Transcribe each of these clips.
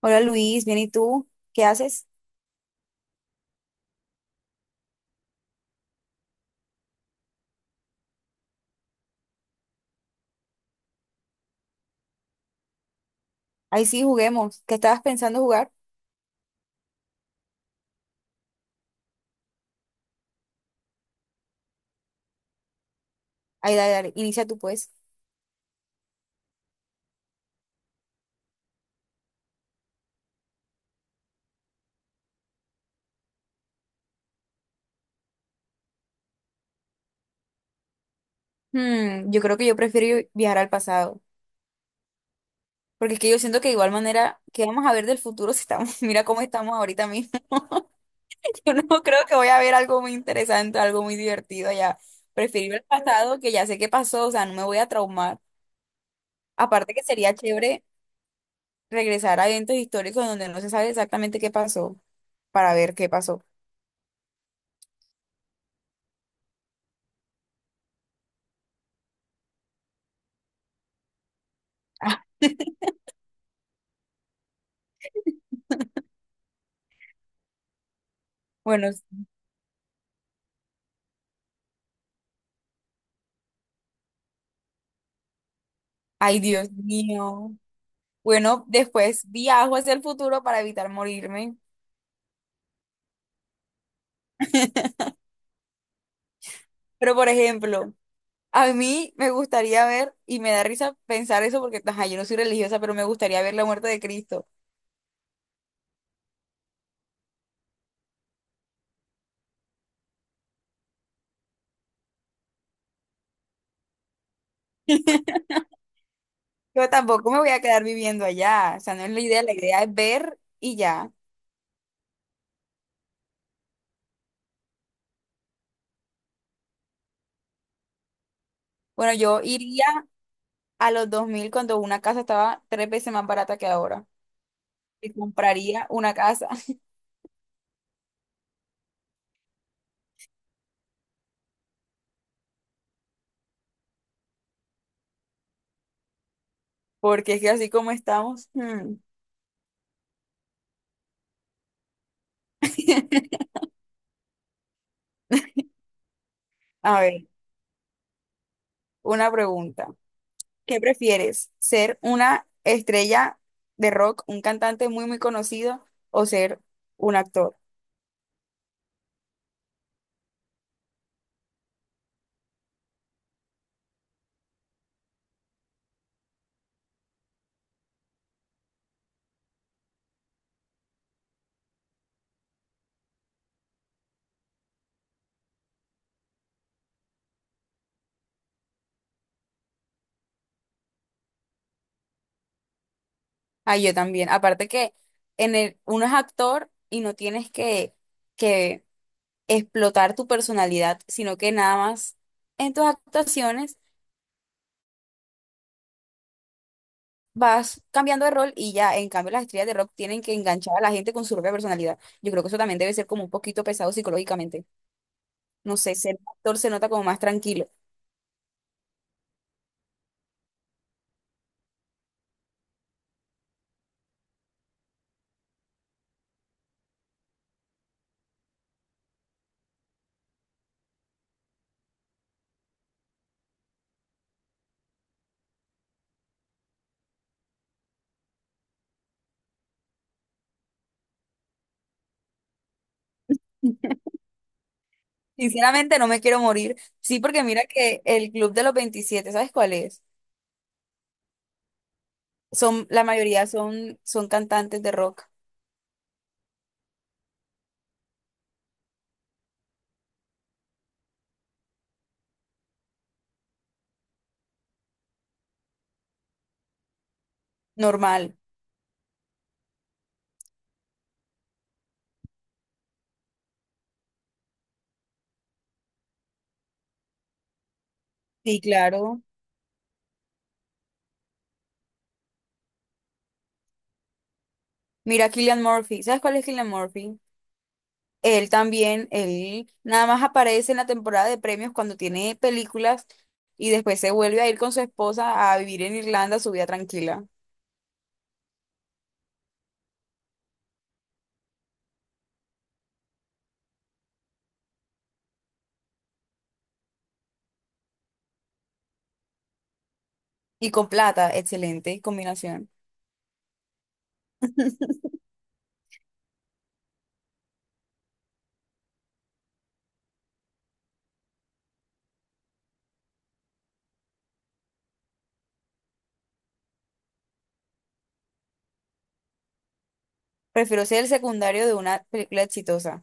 Hola Luis, bien, ¿y tú? ¿Qué haces? Ahí sí, juguemos. ¿Qué estabas pensando jugar? Ahí, dale, inicia tú pues. Yo creo que yo prefiero viajar al pasado, porque es que yo siento que de igual manera, ¿qué vamos a ver del futuro si estamos, mira cómo estamos ahorita mismo? Yo no creo que voy a ver algo muy interesante, algo muy divertido allá. Prefiero ir al pasado, que ya sé qué pasó, o sea, no me voy a traumar. Aparte que sería chévere regresar a eventos históricos donde no se sabe exactamente qué pasó, para ver qué pasó. Ah, bueno, ay Dios mío. Bueno, después viajo hacia el futuro para evitar morirme. Pero, por ejemplo, a mí me gustaría ver, y me da risa pensar eso porque, ajá, yo no soy religiosa, pero me gustaría ver la muerte de Cristo. Yo tampoco me voy a quedar viviendo allá. O sea, no es la idea es ver y ya. Bueno, yo iría a los 2000 cuando una casa estaba tres veces más barata que ahora. Y compraría una casa, porque es que así como estamos. Hmm. A ver, una pregunta. ¿Qué prefieres? ¿Ser una estrella de rock, un cantante muy conocido o ser un actor? Ah, yo también. Aparte que uno es actor y no tienes que explotar tu personalidad, sino que nada más en tus actuaciones vas cambiando de rol y ya, en cambio las estrellas de rock tienen que enganchar a la gente con su propia personalidad. Yo creo que eso también debe ser como un poquito pesado psicológicamente. No sé, ser actor se nota como más tranquilo. Sinceramente no me quiero morir. Sí, porque mira que el Club de los 27, ¿sabes cuál es? La mayoría son cantantes de rock normal. Sí, claro. Mira Killian Murphy. ¿Sabes cuál es Killian Murphy? Él también, él nada más aparece en la temporada de premios cuando tiene películas y después se vuelve a ir con su esposa a vivir en Irlanda su vida tranquila. Y con plata, excelente combinación. Prefiero ser el secundario de una película exitosa.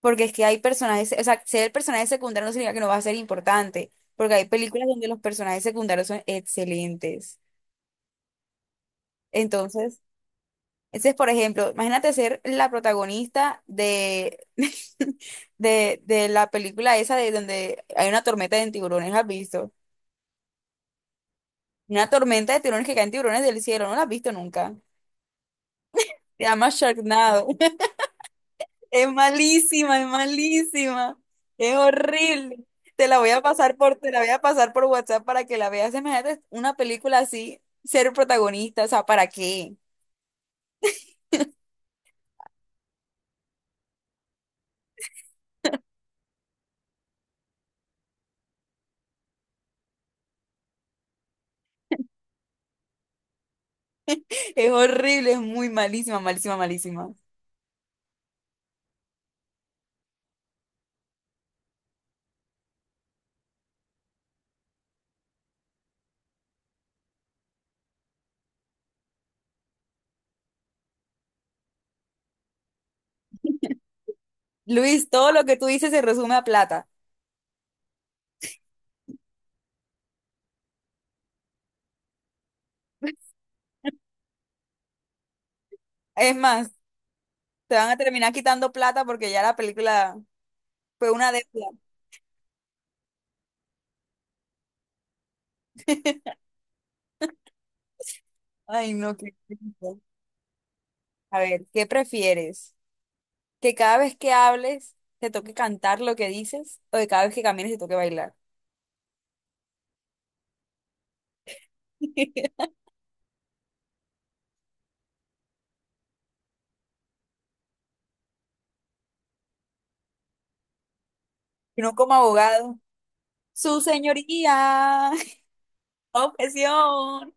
Porque es que hay personajes, o sea, ser el personaje secundario no significa que no va a ser importante, porque hay películas donde los personajes secundarios son excelentes. Entonces, ese es, por ejemplo, imagínate ser la protagonista de la película esa de donde hay una tormenta de tiburones, ¿la ¿has visto? Una tormenta de tiburones que caen tiburones del cielo, ¿no la has visto nunca? Se llama Sharknado. Es malísima, es malísima. Es horrible. Te la voy a pasar por WhatsApp para que la veas. Imagínate una película así, ser protagonista, o sea, ¿para qué? Es horrible, es muy malísima, malísima, malísima. Luis, todo lo que tú dices se resume a plata. Es más, te van a terminar quitando plata porque ya la película fue una deuda. Ay, no, qué triste. A ver, ¿qué prefieres? Que cada vez que hables te toque cantar lo que dices o que cada vez que camines te toque bailar. Y no como abogado. Su señoría, objeción.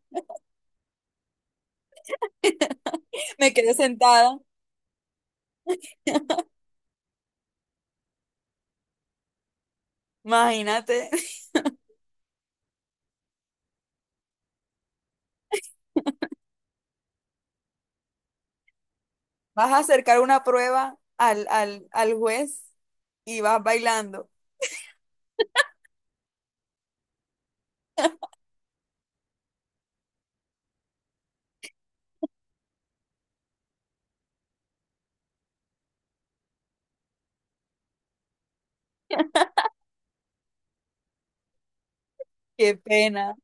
Me quedé sentada. Imagínate, vas a acercar una prueba al juez y vas bailando. Qué pena.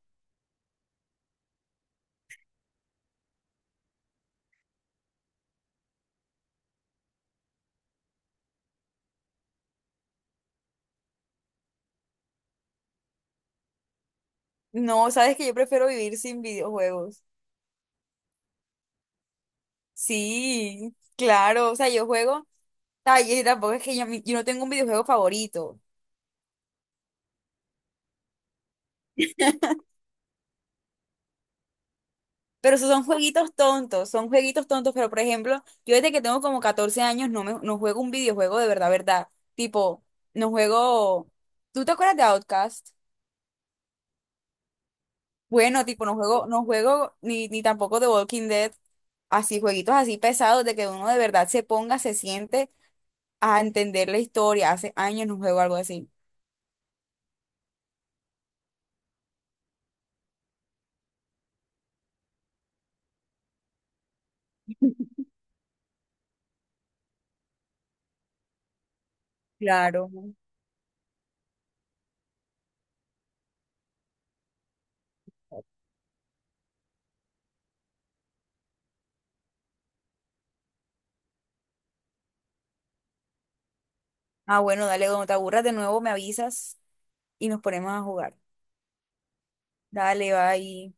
No, sabes que yo prefiero vivir sin videojuegos. Sí, claro. O sea, yo juego. Ay, y tampoco es que yo no tengo un videojuego favorito. Pero esos son jueguitos tontos, pero por ejemplo, yo desde que tengo como 14 años no juego un videojuego de verdad, verdad. Tipo, no juego... ¿Tú te acuerdas de Outcast? Bueno, tipo, no juego ni tampoco de Walking Dead, así, jueguitos así pesados de que uno de verdad se ponga, se siente a entender la historia. Hace años no juego algo así. Claro. Ah, bueno, dale, cuando te aburras de nuevo me avisas y nos ponemos a jugar. Dale, bye.